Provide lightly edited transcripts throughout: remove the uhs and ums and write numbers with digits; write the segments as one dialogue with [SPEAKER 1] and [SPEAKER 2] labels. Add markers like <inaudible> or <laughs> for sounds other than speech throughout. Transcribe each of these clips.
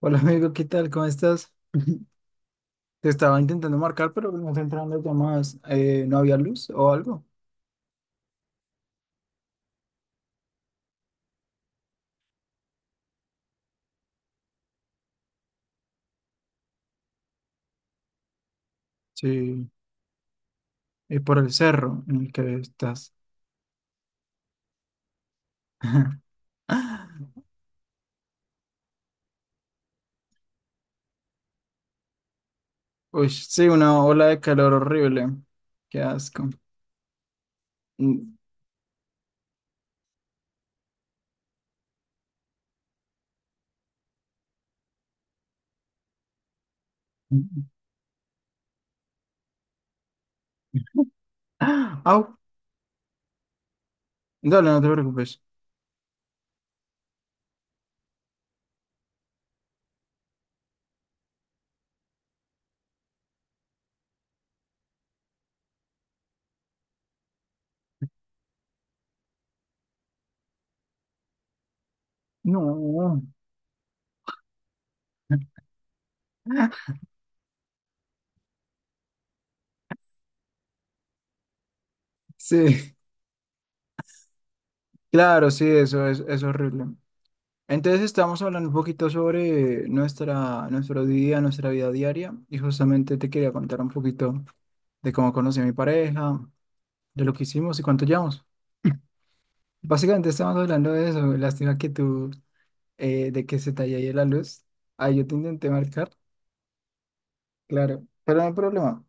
[SPEAKER 1] Hola amigo, ¿qué tal? ¿Cómo estás? <laughs> Te estaba intentando marcar, pero no te entraban las llamadas. ¿No había luz o algo? Sí, y por el cerro en el que estás. <laughs> Uy, sí, una ola de calor horrible. Qué asco. Mm. <gasps> Au, dale, no te preocupes. No. <laughs> Sí, claro, sí, eso es horrible. Entonces estamos hablando un poquito sobre nuestro día, nuestra vida diaria, y justamente te quería contar un poquito de cómo conocí a mi pareja, de lo que hicimos y cuánto llevamos. Básicamente estamos hablando de eso. Lástima que de que se te haya ido la luz. Ahí yo te intenté marcar, claro, pero no hay problema.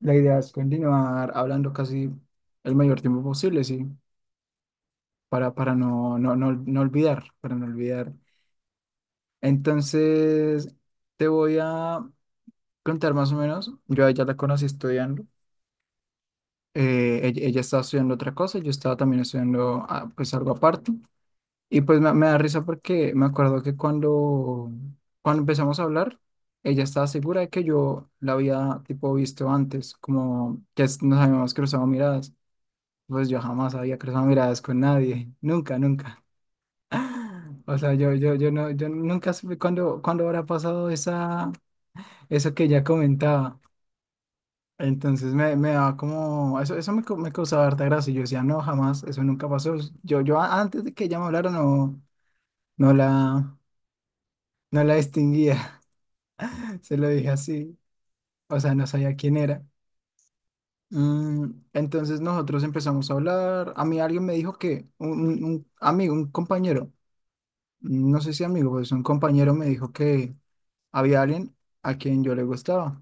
[SPEAKER 1] La idea es continuar hablando casi el mayor tiempo posible, sí, para no olvidar, para no olvidar. Entonces, te voy a contar más o menos. Yo a ella la conocí estudiando. Ella estaba estudiando otra cosa, yo estaba también estudiando pues algo aparte. Y pues me da risa porque me acuerdo que cuando empezamos a hablar, ella estaba segura de que yo la había tipo visto antes, como que nos habíamos cruzado miradas. Pues yo jamás había cruzado miradas con nadie, nunca, nunca. <laughs> O sea, yo no, yo nunca supe cuándo habrá pasado eso que ella comentaba. Entonces me daba como, eso me causaba harta gracia. Y yo decía, no, jamás, eso nunca pasó. Yo antes de que ella me hablara, no la. no la distinguía, <laughs> se lo dije así, o sea, no sabía quién era. Mm, entonces nosotros empezamos a hablar. A mí alguien me dijo que, un amigo, un compañero, no sé si amigo, pues un compañero me dijo que había alguien a quien yo le gustaba,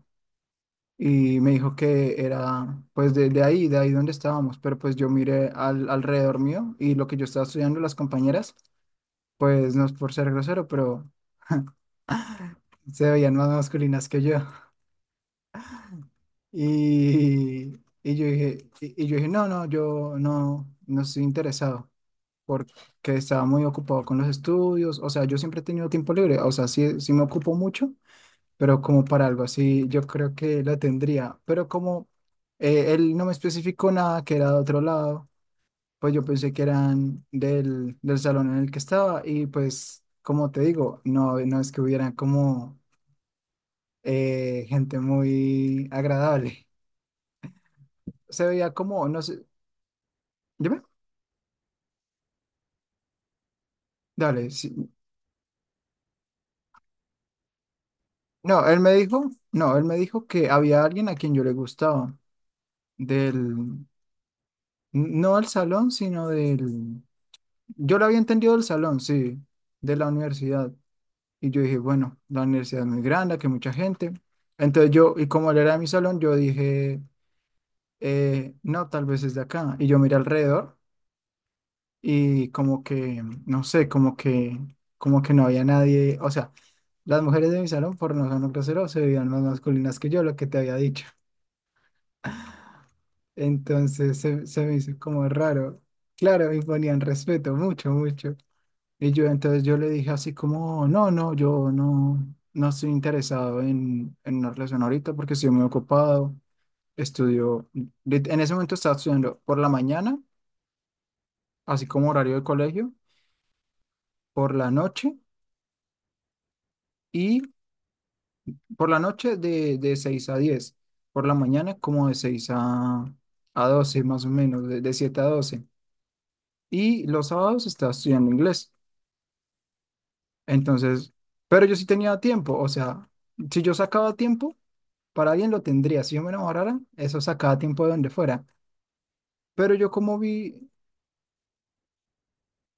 [SPEAKER 1] y me dijo que era pues de ahí donde estábamos, pero pues yo miré alrededor mío, y lo que yo estaba estudiando, las compañeras, pues no es por ser grosero, pero <laughs> se veían más masculinas que yo. Y, y yo dije, no, no, yo no, no estoy interesado, porque estaba muy ocupado con los estudios. O sea, yo siempre he tenido tiempo libre. O sea, sí, sí me ocupo mucho, pero como para algo así, yo creo que lo tendría. Pero como él no me especificó nada que era de otro lado, pues yo pensé que eran del salón en el que estaba. Y pues, como te digo, no no es que hubieran como gente muy agradable, se veía como, no sé. Dime, dale. Sí. No, él me dijo, que había alguien a quien yo le gustaba, del, no del salón, sino del... Yo lo había entendido del salón, sí. De la universidad. Y yo dije, bueno, la universidad es muy grande, que mucha gente. Entonces yo, y como él era de mi salón, yo dije, no, tal vez es de acá. Y yo miré alrededor, y como que, no sé, como que no había nadie, o sea, las mujeres de mi salón, por no ser grosero, se veían más masculinas que yo, lo que te había dicho. Entonces se me hizo como raro. Claro, me ponían respeto, mucho, mucho. Y yo entonces yo le dije así como, no, no, yo no, no estoy interesado en una relación ahorita porque estoy muy ocupado. Estudio, en ese momento estaba estudiando por la mañana, así como horario de colegio. Por la noche Por la noche, de 6 a diez. Por la mañana como de 6 a 12 más o menos, de 7 a doce. Y los sábados estaba estudiando inglés. Entonces, pero yo sí tenía tiempo. O sea, si yo sacaba tiempo, para alguien lo tendría. Si yo me enamorara, eso sacaba tiempo de donde fuera. Pero yo, como vi,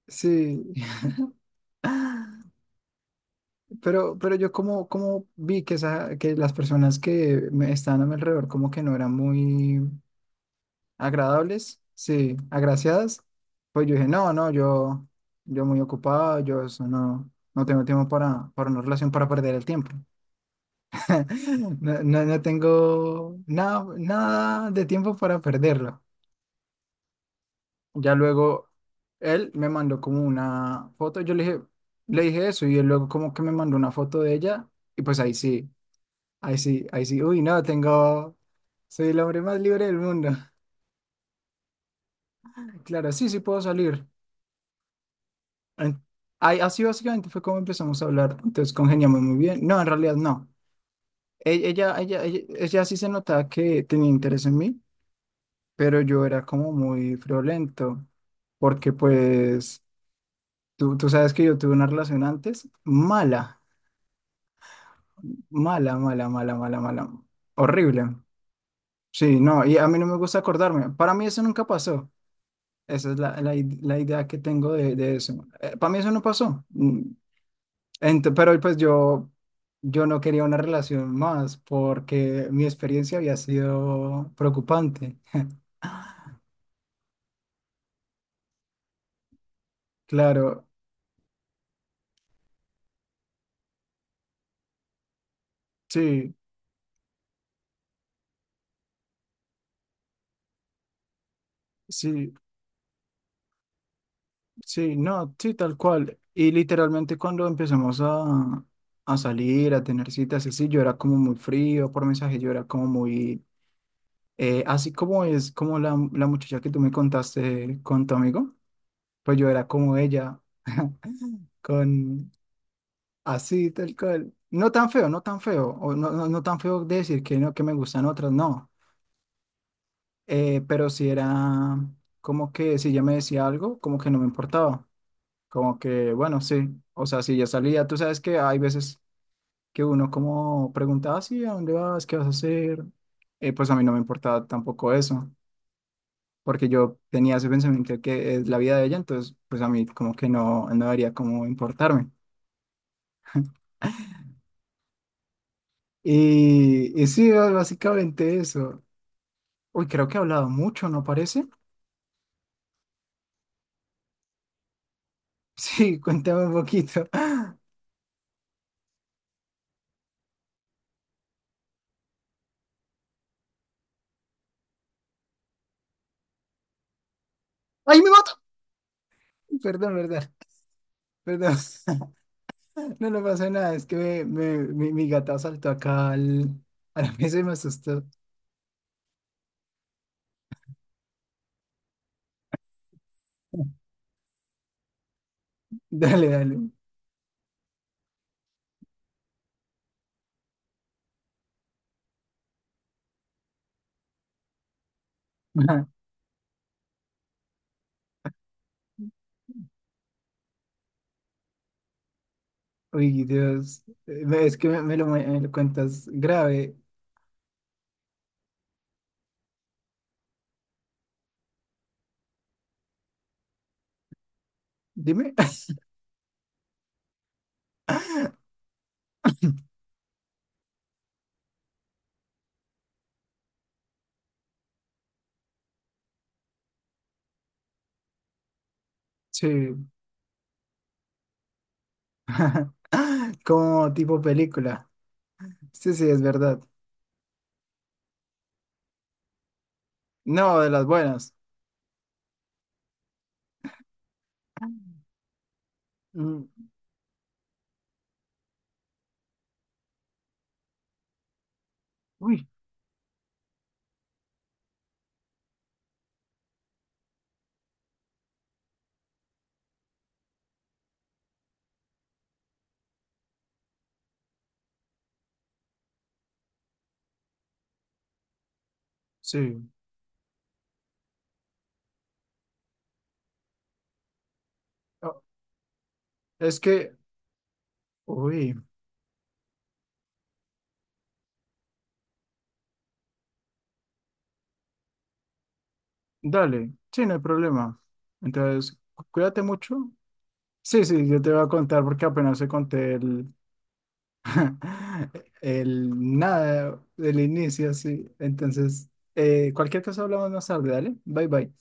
[SPEAKER 1] sí, <laughs> pero yo como, vi que, que las personas que me estaban a mi alrededor como que no eran muy... agradables, sí, agraciadas, pues yo dije, no, no, yo muy ocupado. Yo eso no tengo tiempo para una relación, para perder el tiempo. <laughs> No, no, no tengo nada, nada de tiempo para perderlo. Ya luego él me mandó como una foto. Yo le dije eso, y él luego como que me mandó una foto de ella. Y pues ahí sí, ahí sí, ahí sí, uy, no, soy el hombre más libre del mundo. <laughs> Claro, sí, sí puedo salir. En- Así básicamente fue como empezamos a hablar. Entonces congeniamos muy bien. No, en realidad no. Ella sí se notaba que tenía interés en mí, pero yo era como muy friolento, porque pues tú sabes que yo tuve una relación antes mala, mala, mala, mala, mala, mala, horrible. Sí, no, y a mí no me gusta acordarme. Para mí eso nunca pasó. Esa es la idea que tengo de eso. Para mí eso no pasó. Pero pues yo no quería una relación más, porque mi experiencia había sido preocupante. Claro, sí, sí, sí, no, sí, tal cual. Y literalmente cuando empezamos a salir, a tener citas, así, yo era como muy frío por mensaje. Yo era como muy... así como es como la muchacha que tú me contaste con tu amigo, pues yo era como ella con Así, tal cual. No tan feo, no tan feo. O no, no, no tan feo de decir que no, que me gustan otras, no. Pero si era como que, si ella me decía algo, como que no me importaba. Como que, bueno, sí. O sea, si ya salía, tú sabes que hay veces que uno como preguntaba, sí, ¿a dónde vas? ¿Qué vas a hacer? Pues a mí no me importaba tampoco eso. Porque yo tenía ese pensamiento de que es la vida de ella. Entonces pues a mí como que no debería como importarme. Y sí, básicamente eso. Uy, creo que he hablado mucho, ¿no parece? <laughs> Sí, cuéntame un poquito. ¡Ay, me mato! Perdón, verdad. Perdón. <laughs> No, no pasa nada. Es que mi gata saltó acá a la mesa y me asustó. <laughs> Dale, dale. Ajá. Uy, Dios. Es que me lo cuentas grave. Dime. <laughs> Sí. <laughs> Como tipo película. Sí, sí, es verdad. No, de las buenas. Mm, Uy, sí. Oh, es que, uy. Dale, sí, no hay problema. Entonces, cuídate mucho. Sí, sí, yo te voy a contar porque apenas se conté el, <laughs> el nada del inicio, sí. Entonces, cualquier cosa hablamos más tarde, dale. Bye, bye.